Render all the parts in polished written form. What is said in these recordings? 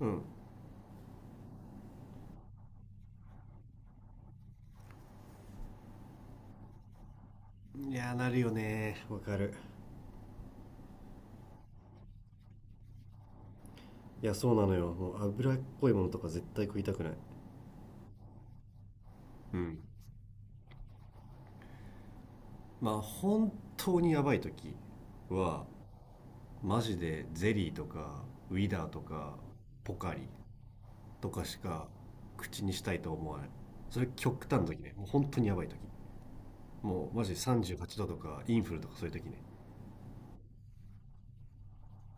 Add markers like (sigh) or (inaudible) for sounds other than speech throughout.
うん。いやーなるよねー、わかる。いやそうなのよ、もう脂っこいものとか絶対食いたくない。うん。まあ本当にやばい時はマジでゼリーとかウィダーとかポカリとかしか口にしたいと思わない。それ極端の時ね、もう本当にやばい時。もうマジで38度とかインフルとかそういう時ね。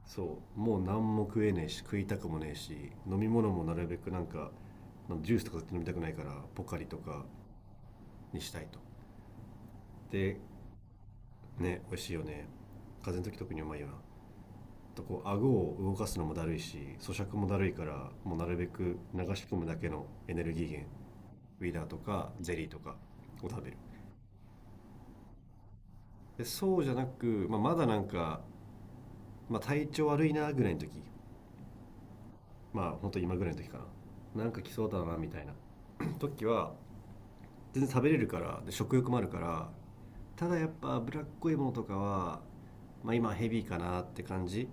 そう、もう何も食えねえし食いたくもねえし、飲み物もなるべくなんかジュースとか飲みたくないからポカリとかにしたいと。でね、美味しいよね。風邪の時特にうまいよな。とこう顎を動かすのもだるいし咀嚼もだるいから、もうなるべく流し込むだけのエネルギー源、ウィダーとかゼリーとかを食べる。でそうじゃなく、まあ、まだなんか、まあ、体調悪いなぐらいの時。まあ本当今ぐらいの時か。なんか来そうだなみたいな (clears throat) 時は全然食べれるから、で食欲もあるから。ただやっぱ脂っこいものとかは、まあ、今ヘビーかなって感じ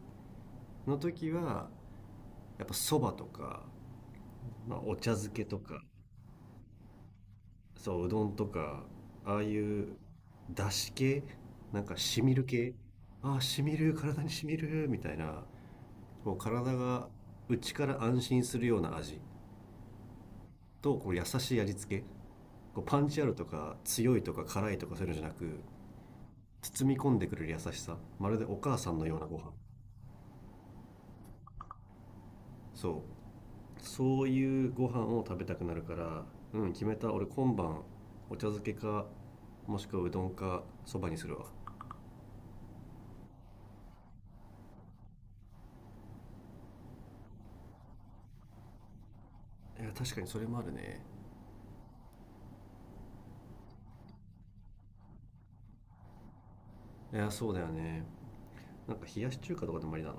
の時は、やっぱそばとか、まあ、お茶漬けとか、そう、うどんとか、ああいう、だし系、なんかしみる系、ああ、しみる、体にしみる、みたいな、もう体が内から安心するような味と、こう優しい味付け。こうパンチあるとか、強いとか辛いとかそういうのじゃなく、包み込んでくれる優しさ。まるでお母さんのようなご飯。そう、そういうご飯を食べたくなるから。うん、決めた、俺今晩お茶漬けか、もしくはうどんかそばにするわ。いや確かにそれもあるね。いやそうだよね。なんか冷やし中華とかでもありだな。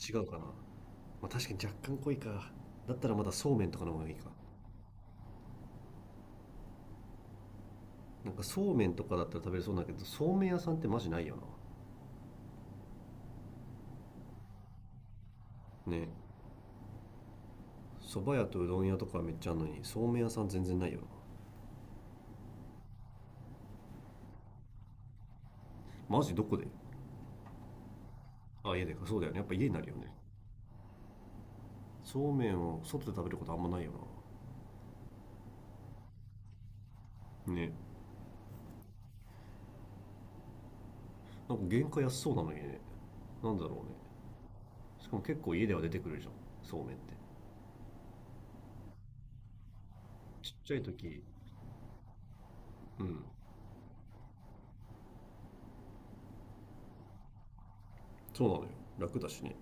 違うかな、まあ、確かに若干濃いか。だったらまだそうめんとかの方がいいか。なんかそうめんとかだったら食べれそうだけど、そうめん屋さんってマジないよな。ね、そば屋とうどん屋とかめっちゃあるのにそうめん屋さん全然ないよな。マジどこで。あ家でか、そうだよね、やっぱ家になるよね。そうめんを外で食べることあんまないよな。ね。なんか原価安そうなのにね。なんだろうね。しかも結構家では出てくるじゃん、そうめんって。ちっちゃい時。うん、そうなのよ。楽だしね。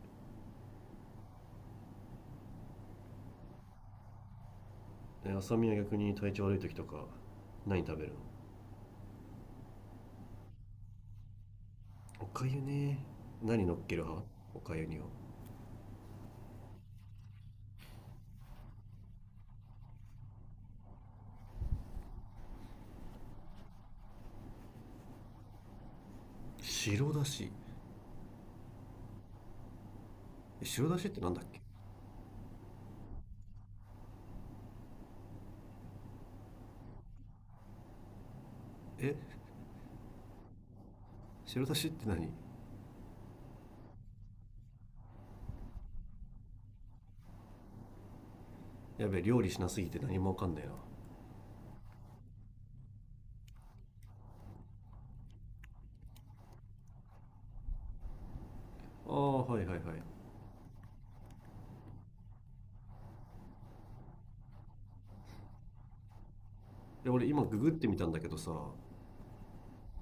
え浅見は逆に体調悪い時とか何食べるの？おかゆね。何乗っける派、おかゆには。白だし。え白だしってなんだっけ。え白だしって何。やべえ料理しなすぎて何もわかんないな。あーはいはいはい。で俺今ググってみたんだけどさ、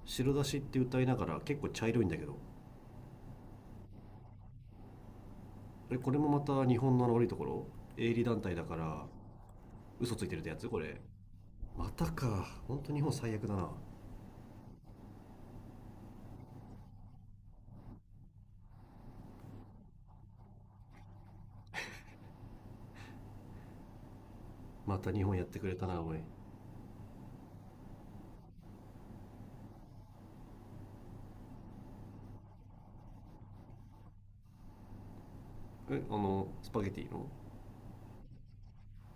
白だしって歌いながら結構茶色いんだけど。えこれもまた日本の悪いところ、営利団体だから嘘ついてるってやつこれ。またか、本当日本最悪だな。また日本やってくれたなおい。えあのスパゲティの。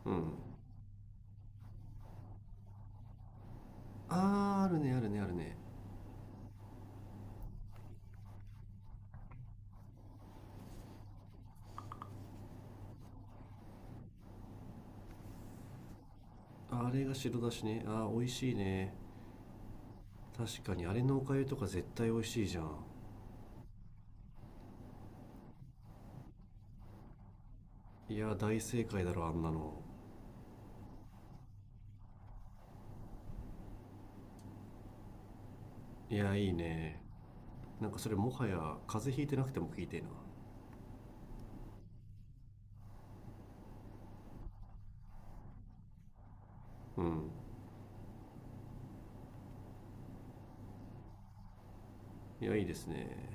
うん。あーあるねあるねあるね。あれが白だしね、あー美味しいね。確かにあれのおかゆとか絶対美味しいじゃん。いや大正解だろあんなの。いやいいね。なんかそれもはや風邪ひいてなくても聞いてえな。うん。いやいいですね。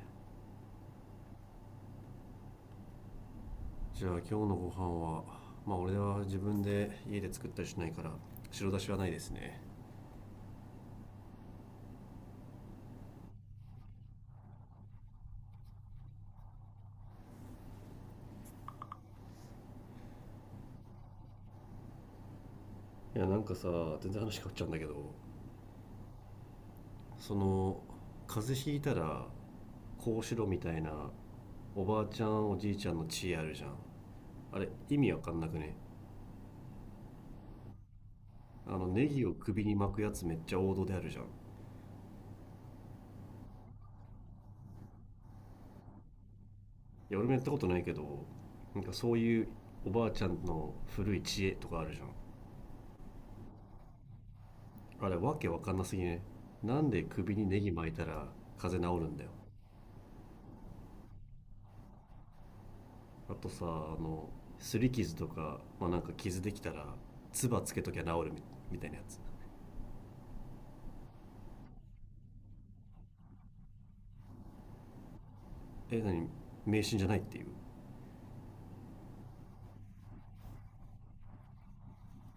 じゃあ今日のご飯は、まあ俺は自分で家で作ったりしないから白だしはないですね。いやなんかさ、全然話変わっちゃうんだけど、その風邪ひいたらこうしろみたいな、おばあちゃんおじいちゃんの知恵あるじゃん。あれ意味わかんなくね。あのネギを首に巻くやつめっちゃ王道であるじゃん。いや俺もやったことないけど、なんかそういうおばあちゃんの古い知恵とかあるじゃん。あれわけわかんなすぎね。なんで首にネギ巻いたら風邪治るんだよ。あとさ、あの擦り傷とか、まあ、なんか傷できたら唾つけときゃ治るみたいなやつ。え何、迷信じゃないっていう。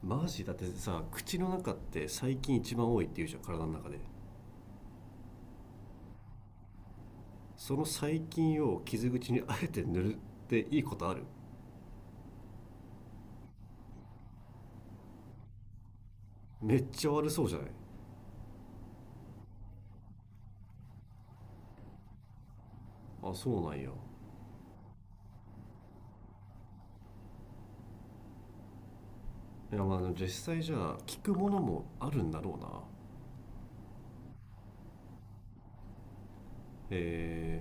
マジだってさ口の中って細菌一番多いっていうじゃん、体の中で。その細菌を傷口にあえて塗るっていいことある？めっちゃ悪そうじゃない？あそうなんや。いや、まあ実際じゃあ聞くものもあるんだろうな。え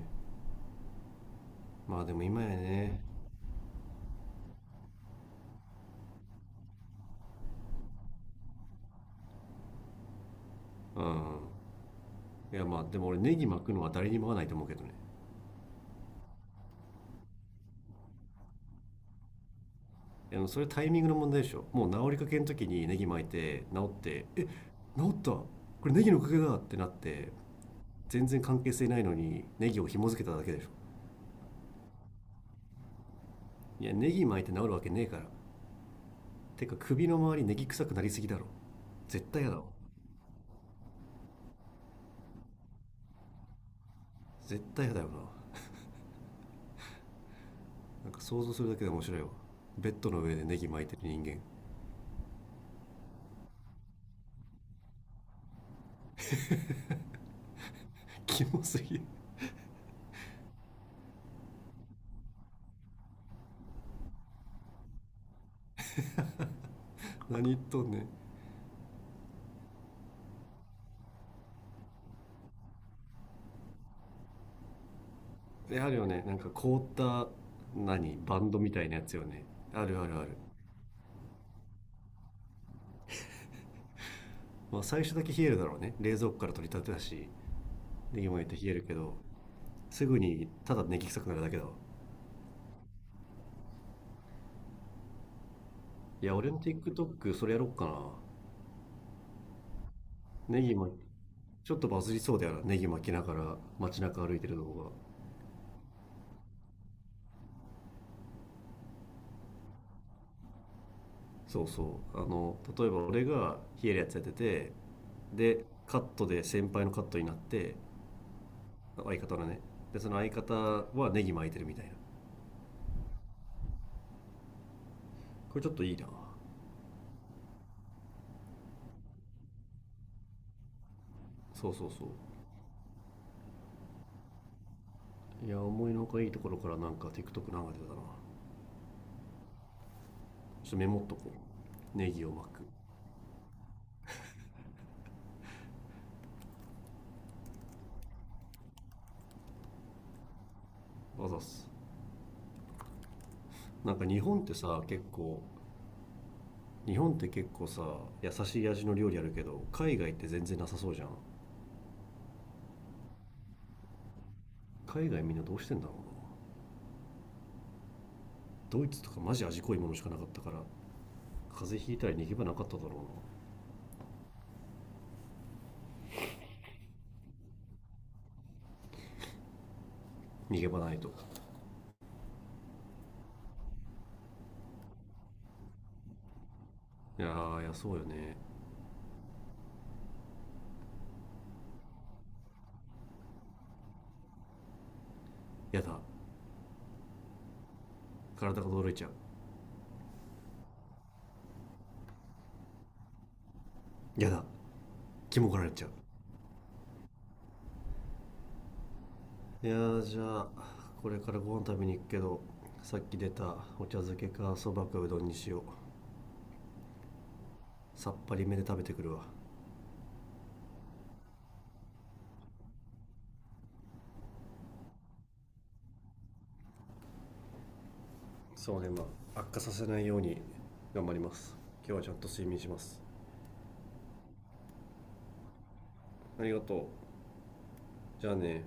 まあでも今やね。うん。いやまあでも俺ネギ巻くのは誰にも合わないと思うけどね。それタイミングの問題でしょ、もう治りかけの時にネギ巻いて治った、これネギのおかげだってなって、全然関係性ないのにネギを紐付けただけでしょ。いやネギ巻いて治るわけねえから。てか首の周りネギ臭くなりすぎだろ、絶対やだわ。絶対やだよな、なんか想像するだけで面白いわ。ベッドの上でネギ巻いてる人間キモすぎる。 (laughs) 何言っとんねん。あるよね、なんか凍った何バンドみたいなやつよね。あるあるある。まあ、最初だけ冷えるだろうね、冷蔵庫から取り立てたし、ネギも入って冷えるけど、すぐにただネギ臭くなるだけだわ。いや俺の TikTok それやろっか。ネギもちょっとバズりそうだよな、ネギ巻きながら街中歩いてる動画。そうそう、例えば俺が冷えるやつやってて、でカットで先輩のカットになって、相方のね、でその相方はネギ巻いてるみたいな。これちょっといいな。そうそうそう。いや思いのほかいいところからなんか TikTok 流れてたな。ちょっとメモっとこ。ネギを巻く。あざっす。なんか日本って結構さ優しい味の料理あるけど海外って全然なさそうじゃん。海外みんなどうしてんだろうな、ドイツとかマジ味濃いものしかなかったから風邪ひいたら逃げ場なかっただろう。逃げ場ないと。いやーいやそうよね。やだ。体が驚いちゃう。やだ。気もがられちゃう。いやーじゃあこれからご飯食べに行くけど、さっき出たお茶漬けかそばかうどんにしよう。さっぱりめで食べてくるわ。そうね、まあ悪化させないように頑張ります。今日はちゃんと睡眠します。ありがとう。じゃあね。